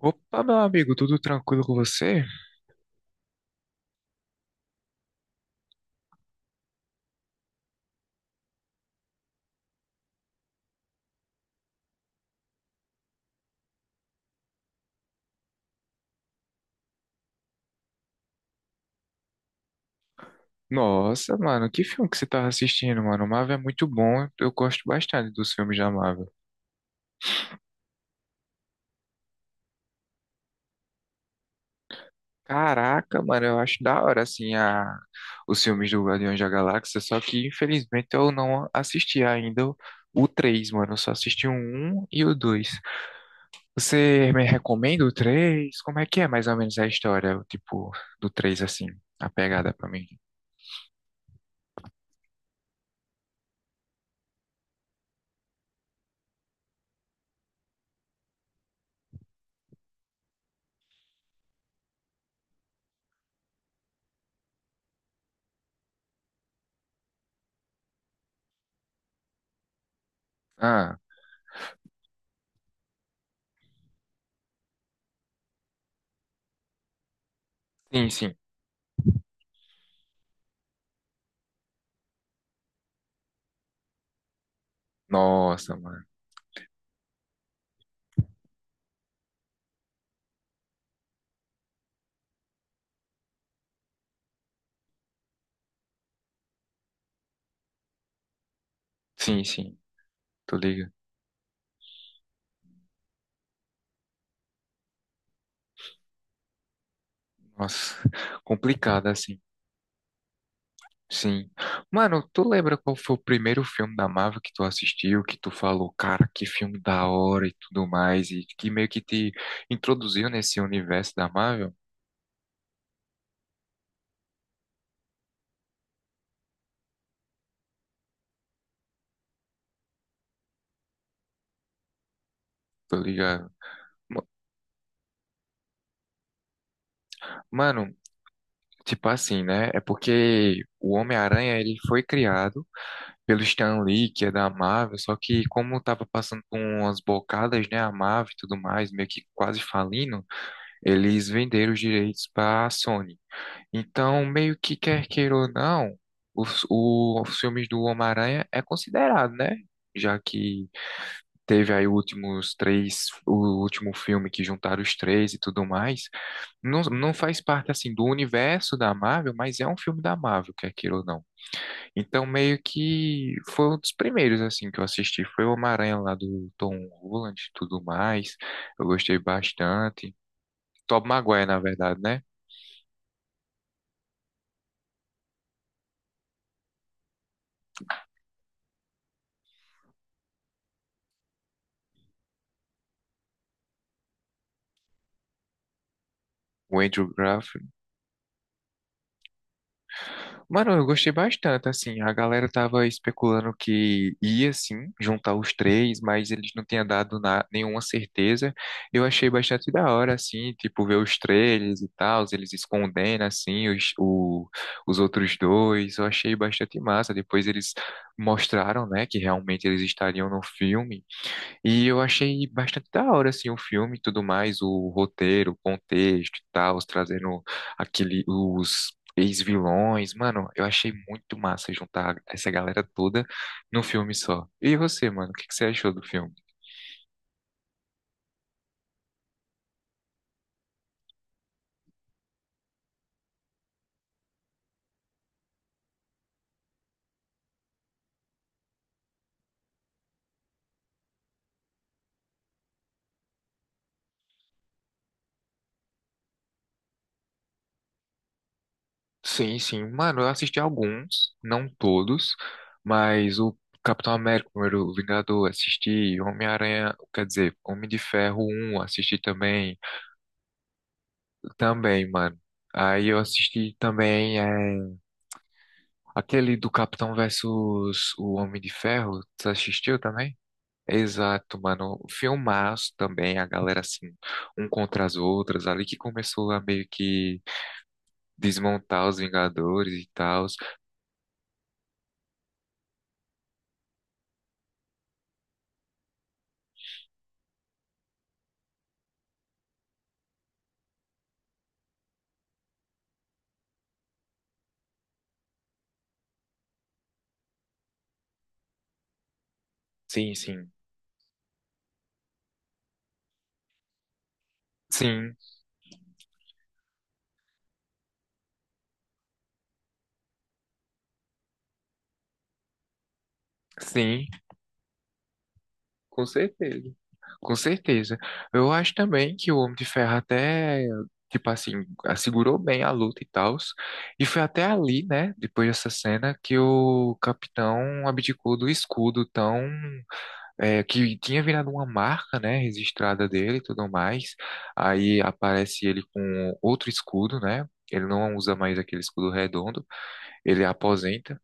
Opa, meu amigo, tudo tranquilo com você? Nossa, mano, que filme que você tava assistindo, mano? O Marvel é muito bom, eu gosto bastante dos filmes da Marvel. Caraca, mano, eu acho da hora, assim, os filmes do Guardiões da Galáxia, só que infelizmente eu não assisti ainda o 3, mano, eu só assisti o 1 e o 2. Você me recomenda o 3? Como é que é mais ou menos a história, o tipo, do três assim, a pegada pra mim? Ah, sim, sim. Nossa, mano. Sim, sim, tô ligado. Nossa, complicado, assim. Sim. Mano, tu lembra qual foi o primeiro filme da Marvel que tu assistiu, que tu falou, cara, que filme da hora e tudo mais, e que meio que te introduziu nesse universo da Marvel? Tô ligado. Ma- Mano, tipo assim, né? É porque o Homem-Aranha, ele foi criado pelo Stan Lee, que é da Marvel, só que como tava passando por umas bocadas, né, a Marvel e tudo mais, meio que quase falindo, eles venderam os direitos pra Sony. Então, meio que quer queira ou não, os filmes do Homem-Aranha é considerado, né? Já que teve aí últimos três, o último filme que juntaram os três e tudo mais. Não, não faz parte, assim, do universo da Marvel, mas é um filme da Marvel, quer queira ou não. Então, meio que foi um dos primeiros, assim, que eu assisti. Foi o Homem-Aranha lá do Tom Holland e tudo mais. Eu gostei bastante. Tobey Maguire, na verdade, né? O Andrew Graff. Mano, eu gostei bastante, assim, a galera tava especulando que ia, sim, juntar os três, mas eles não tinham dado nenhuma certeza. Eu achei bastante da hora, assim, tipo, ver os trailers e tal, eles escondendo, assim, os outros dois, eu achei bastante massa. Depois eles mostraram, né, que realmente eles estariam no filme, e eu achei bastante da hora, assim, o filme e tudo mais, o roteiro, o contexto e tal, os trazendo aquele, os ex-vilões. Mano, eu achei muito massa juntar essa galera toda num filme só. E você, mano, o que que você achou do filme? Sim, sim, mano, eu assisti alguns, não todos, mas o Capitão América, o primeiro Vingador, assisti, Homem-Aranha, quer dizer, Homem de Ferro um assisti também, também, mano. Aí eu assisti também aquele do Capitão versus o Homem de Ferro, tu assistiu também? Exato, mano. Filmaço também, a galera assim, um contra as outras, ali que começou a meio que desmontar os Vingadores e tal. Sim, sim. Sim, sim. Com certeza. Com certeza. Eu acho também que o Homem de Ferro até, tipo assim, assegurou bem a luta e tal. E foi até ali, né, depois dessa cena, que o capitão abdicou do escudo tão, é, que tinha virado uma marca, né, registrada dele e tudo mais. Aí aparece ele com outro escudo, né? Ele não usa mais aquele escudo redondo. Ele aposenta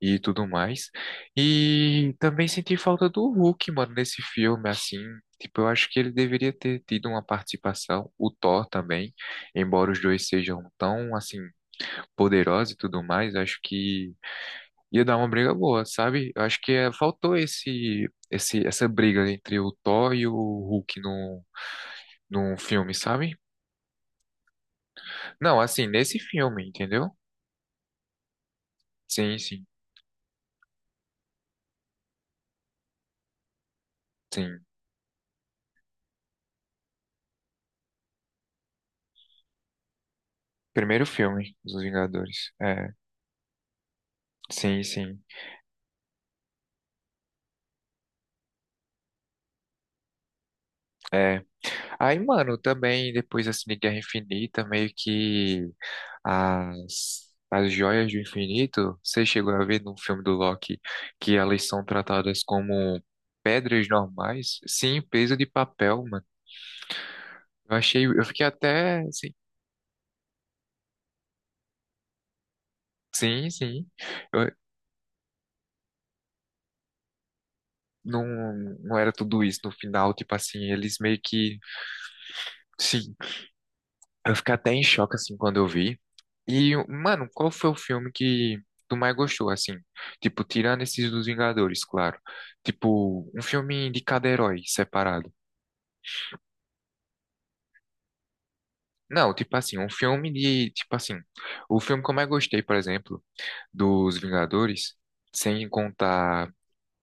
e tudo mais. E também senti falta do Hulk, mano, nesse filme, assim. Tipo, eu acho que ele deveria ter tido uma participação, o Thor também, embora os dois sejam tão, assim, poderosos e tudo mais, acho que ia dar uma briga boa, sabe? Eu acho que faltou essa briga entre o Thor e o Hulk num filme, sabe? Não, assim, nesse filme, entendeu? Sim, sim, sim. Primeiro filme dos Vingadores. É, sim, sim. É. Aí, mano, também depois assim de Guerra Infinita, meio que as joias do infinito, você chegou a ver no filme do Loki que elas são tratadas como pedras normais, sim, peso de papel, mano. Eu achei, eu fiquei até assim, sim, sim. Eu, não, não era tudo isso no final, tipo assim, eles meio que, sim, eu fiquei até em choque assim quando eu vi. E, mano, qual foi o filme que tu mais gostou, assim? Tipo, tirando esses dos Vingadores, claro. Tipo, um filme de cada herói separado. Não, tipo assim, um filme de, tipo assim, o filme que eu mais gostei, por exemplo, dos Vingadores, sem contar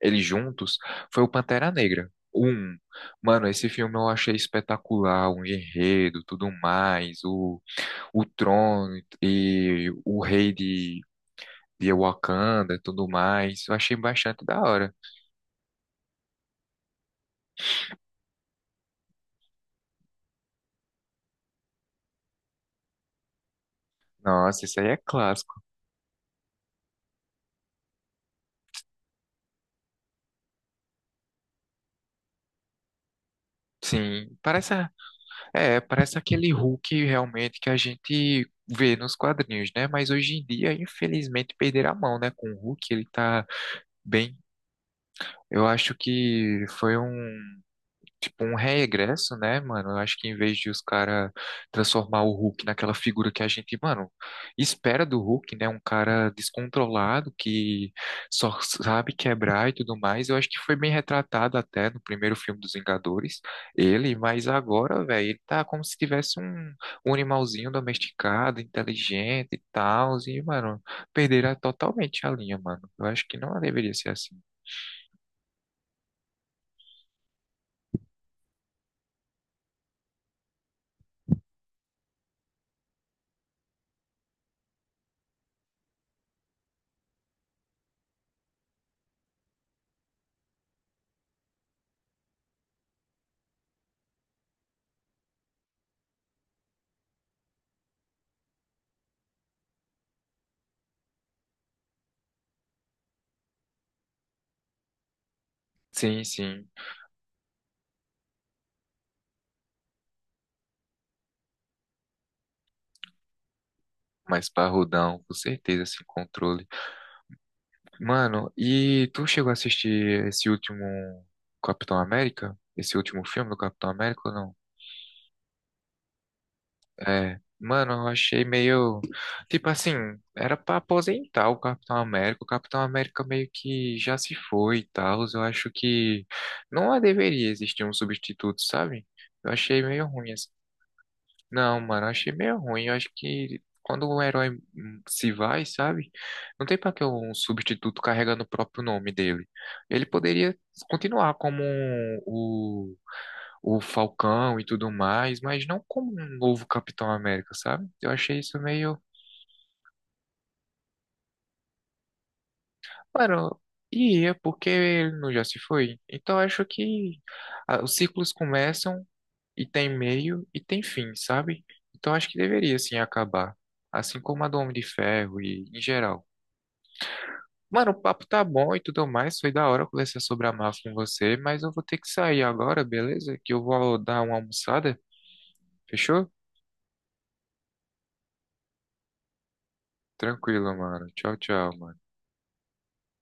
eles juntos, foi o Pantera Negra. Um, mano, esse filme eu achei espetacular, o enredo, tudo mais, o trono e o rei de via Wakanda e tudo mais. Eu achei bastante da hora. Nossa, isso aí é clássico. Sim, parece, é, parece aquele Hulk realmente que a gente vê nos quadrinhos, né? Mas hoje em dia, infelizmente, perderam a mão, né? Com o Hulk, ele tá bem. Eu acho que foi um, tipo um regresso, né, mano? Eu acho que em vez de os caras transformar o Hulk naquela figura que a gente, mano, espera do Hulk, né? Um cara descontrolado que só sabe quebrar e tudo mais. Eu acho que foi bem retratado até no primeiro filme dos Vingadores, ele, mas agora, velho, ele tá como se tivesse um, um animalzinho domesticado, inteligente e tal, e, mano, perderá totalmente a linha, mano. Eu acho que não deveria ser assim. Sim, sim, mas parrudão, com certeza, sem controle. Mano, e tu chegou a assistir esse último Capitão América? Esse último filme do Capitão América ou não? É. Mano, eu achei meio. Tipo assim, era pra aposentar o Capitão América. O Capitão América meio que já se foi e tal. Eu acho que não deveria existir um substituto, sabe? Eu achei meio ruim assim. Não, mano, eu achei meio ruim. Eu acho que quando o herói se vai, sabe? Não tem pra que um substituto carregando o próprio nome dele. Ele poderia continuar como o Falcão e tudo mais, mas não como um novo Capitão América, sabe? Eu achei isso meio. Mano, ia, porque ele não já se foi. Então eu acho que ah, os ciclos começam e tem meio e tem fim, sabe? Então acho que deveria sim acabar. Assim como a do Homem de Ferro e em geral. Mano, o papo tá bom e tudo mais. Foi da hora conversar sobre a máfia com você, mas eu vou ter que sair agora, beleza? Que eu vou dar uma almoçada. Fechou? Tranquilo, mano. Tchau, tchau, mano.